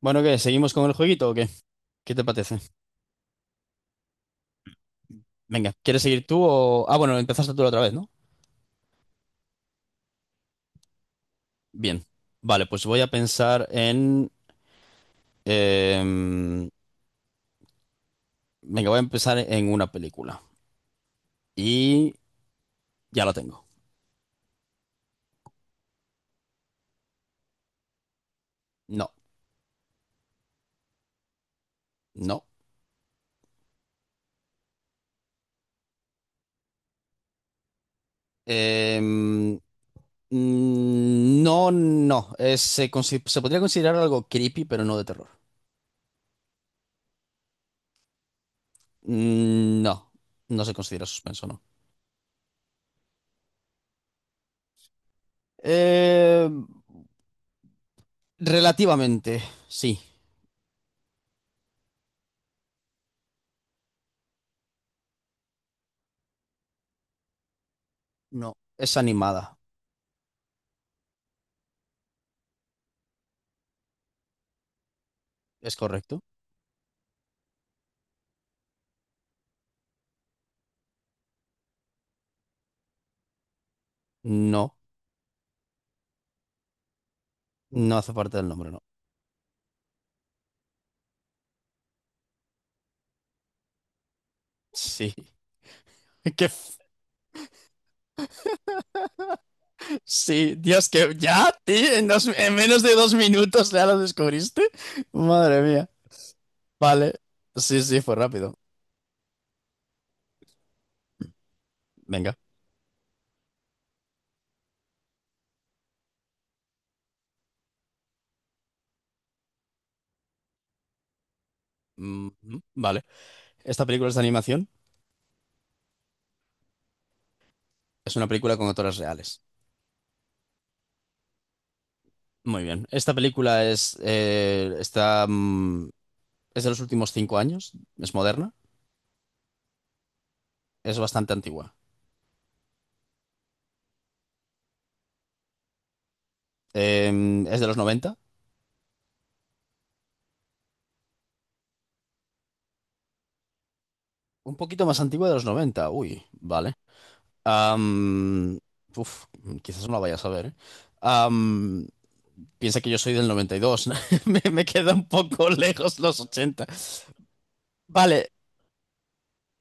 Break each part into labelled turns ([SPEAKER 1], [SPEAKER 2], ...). [SPEAKER 1] Bueno, ¿qué? ¿Seguimos con el jueguito o qué? ¿Qué te parece? Venga, ¿quieres seguir tú o...? Ah, bueno, empezaste tú la otra vez, ¿no? Bien. Vale, pues voy a pensar en... em, venga, voy a empezar en una película. Y ya la tengo. No, no. Em, no, no. Se, se podría considerar algo creepy, pero no de terror. Mm, no, no se considera suspenso, ¿no? Em, relativamente, sí. No, es animada. Es correcto. No, no hace parte del nombre, no. Sí. Qué f- sí, Dios, que ya, tío, en menos de dos minutos ya lo descubriste. Madre mía. Vale. Sí, fue rápido. Venga. Mm, vale. Esta película es de animación. Es una película con actores reales. Muy bien. Esta película es, está, es de los últimos cinco años. Es moderna. Es bastante antigua. Es de los 90, un poquito más antigua de los 90. Uy, vale. Am, uf, quizás no la vaya a ver, ¿eh? Am, piensa que yo soy del 92. Me queda un poco lejos los 80. Vale,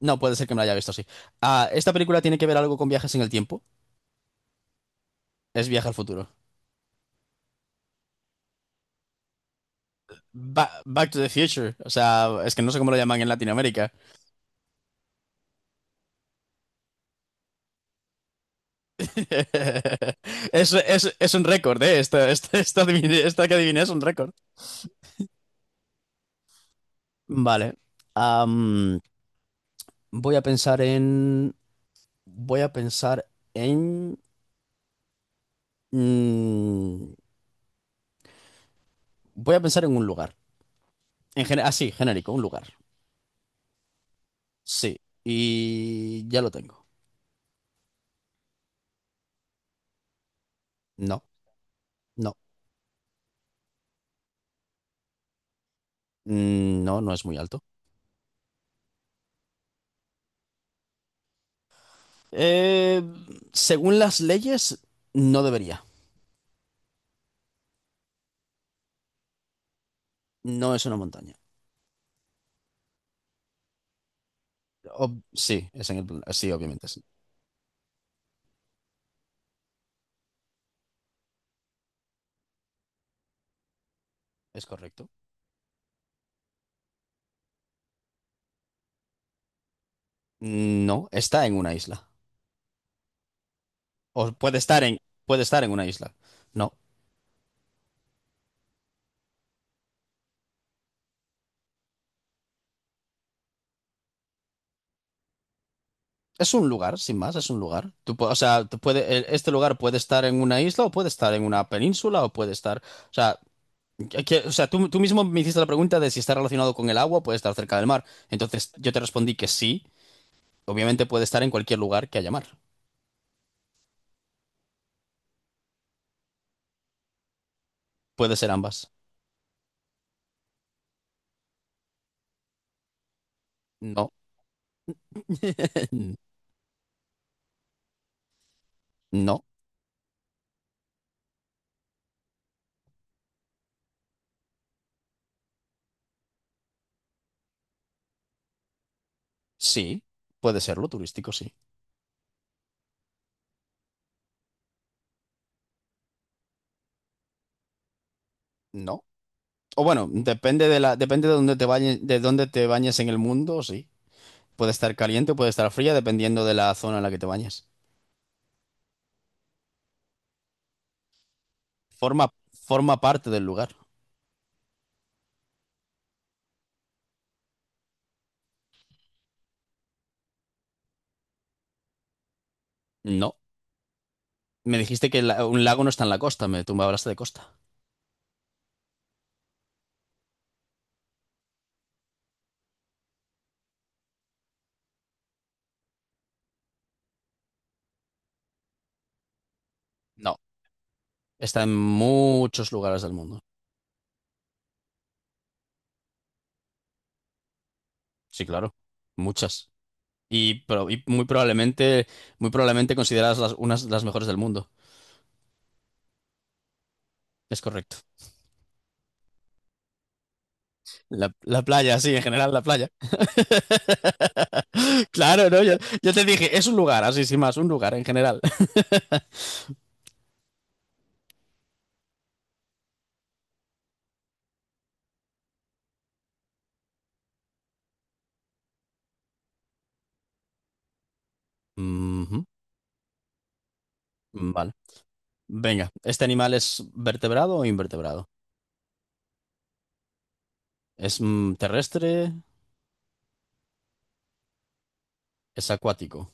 [SPEAKER 1] no puede ser que me la haya visto así. Ah, esta película tiene que ver algo con viajes en el tiempo. Es Viaje al futuro. Back to the Future. O sea, es que no sé cómo lo llaman en Latinoamérica. Es un récord, ¿eh? Esta que adiviné es un récord. Vale. Am, voy a pensar en. Voy a pensar en. Mm, voy a pensar en un lugar. Así, genérico, un lugar. Sí. Y ya lo tengo. No, no. No, no es muy alto. Eh, según las leyes, no debería. No es una montaña. Sí, es en el plan- sí, obviamente sí. Es correcto. No, está en una isla. O puede estar en una isla. No. Es un lugar, sin más, es un lugar. O sea, este lugar puede estar en una isla o puede estar en una península o puede estar... O sea, o sea, tú mismo me hiciste la pregunta de si está relacionado con el agua, puede estar cerca del mar. Entonces yo te respondí que sí, obviamente puede estar en cualquier lugar que haya mar. Puede ser ambas. No, no, sí, puede serlo, turístico sí. No. O bueno, depende de dónde te bañes, de dónde te bañes en el mundo, sí. Puede estar caliente o puede estar fría, dependiendo de la zona en la que te bañes. Forma, forma parte del lugar. No. Me dijiste que un lago no está en la costa, tú me hablaste de costa. No. Está en muchos lugares del mundo. Sí, claro. Muchas. Y muy probablemente consideradas las, unas de las mejores del mundo. Es correcto. La playa, sí, en general la playa. Claro, ¿no? Yo te dije, es un lugar, así sin más, un lugar en general. Ujú, vale. Venga, ¿este animal es vertebrado o invertebrado? ¿Es terrestre? ¿Es acuático?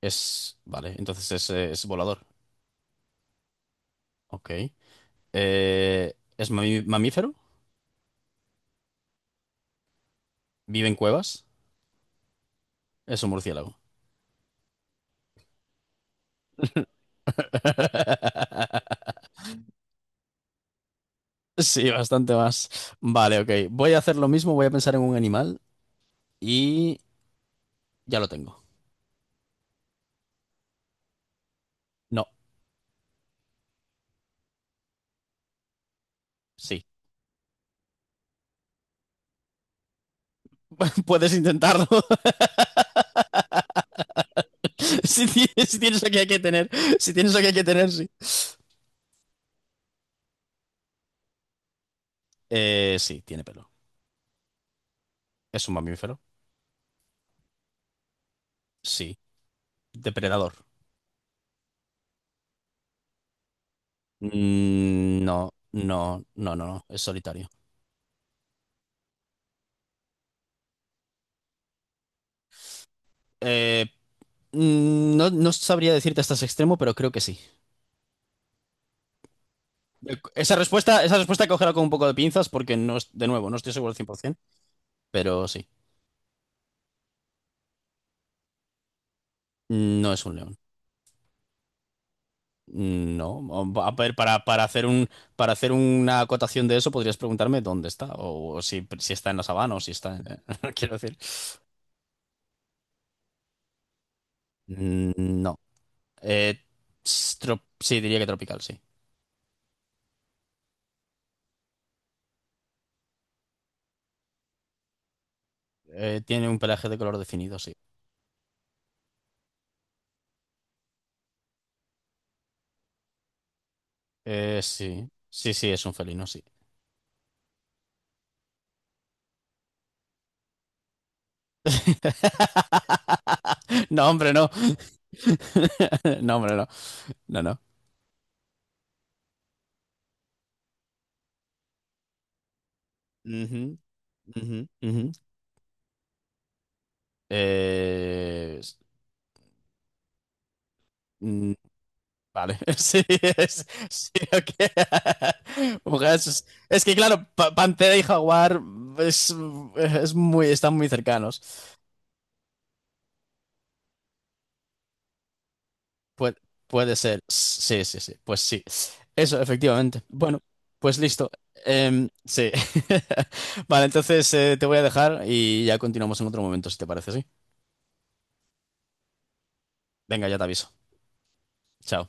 [SPEAKER 1] Es... Vale, entonces es volador. Ok. ¿Es mamífero? ¿Vive en cuevas? Es un murciélago. Sí, bastante más. Vale, ok. Voy a hacer lo mismo, voy a pensar en un animal y ya lo tengo. No, sí. Puedes intentarlo. Si tienes, si tienes lo que hay que tener. Si tienes lo que hay que tener, sí. Sí, tiene pelo. ¿Es un mamífero? Sí. ¿Depredador? No, no, no, no, no. Es solitario. Eh, no, no sabría decirte hasta ese extremo, pero creo que sí. Esa respuesta cógela con un poco de pinzas porque no es, de nuevo, no estoy seguro al 100%, pero sí, no es un león. No, a ver, para hacer un, para hacer una acotación de eso podrías preguntarme dónde está, si, si está en la sabana, o si está en... Quiero decir, Mm, no. Eh, sí, diría que tropical, sí. Tiene un pelaje de color definido, sí. Sí, es un felino, sí. No, hombre, no. No, hombre, no. No, no. Ujú, ujú, ujú. Eh, s- mm, vale, sí, sí, ok. Mujeres, es que claro, Pantera y Jaguar es, es muy, están muy cercanos. Puede, puede ser, sí, sí, sí, pues sí. Eso, efectivamente. Bueno, pues listo. Sí. Vale, entonces te voy a dejar y ya continuamos en otro momento, si te parece, ¿sí? Venga, ya te aviso. Chao.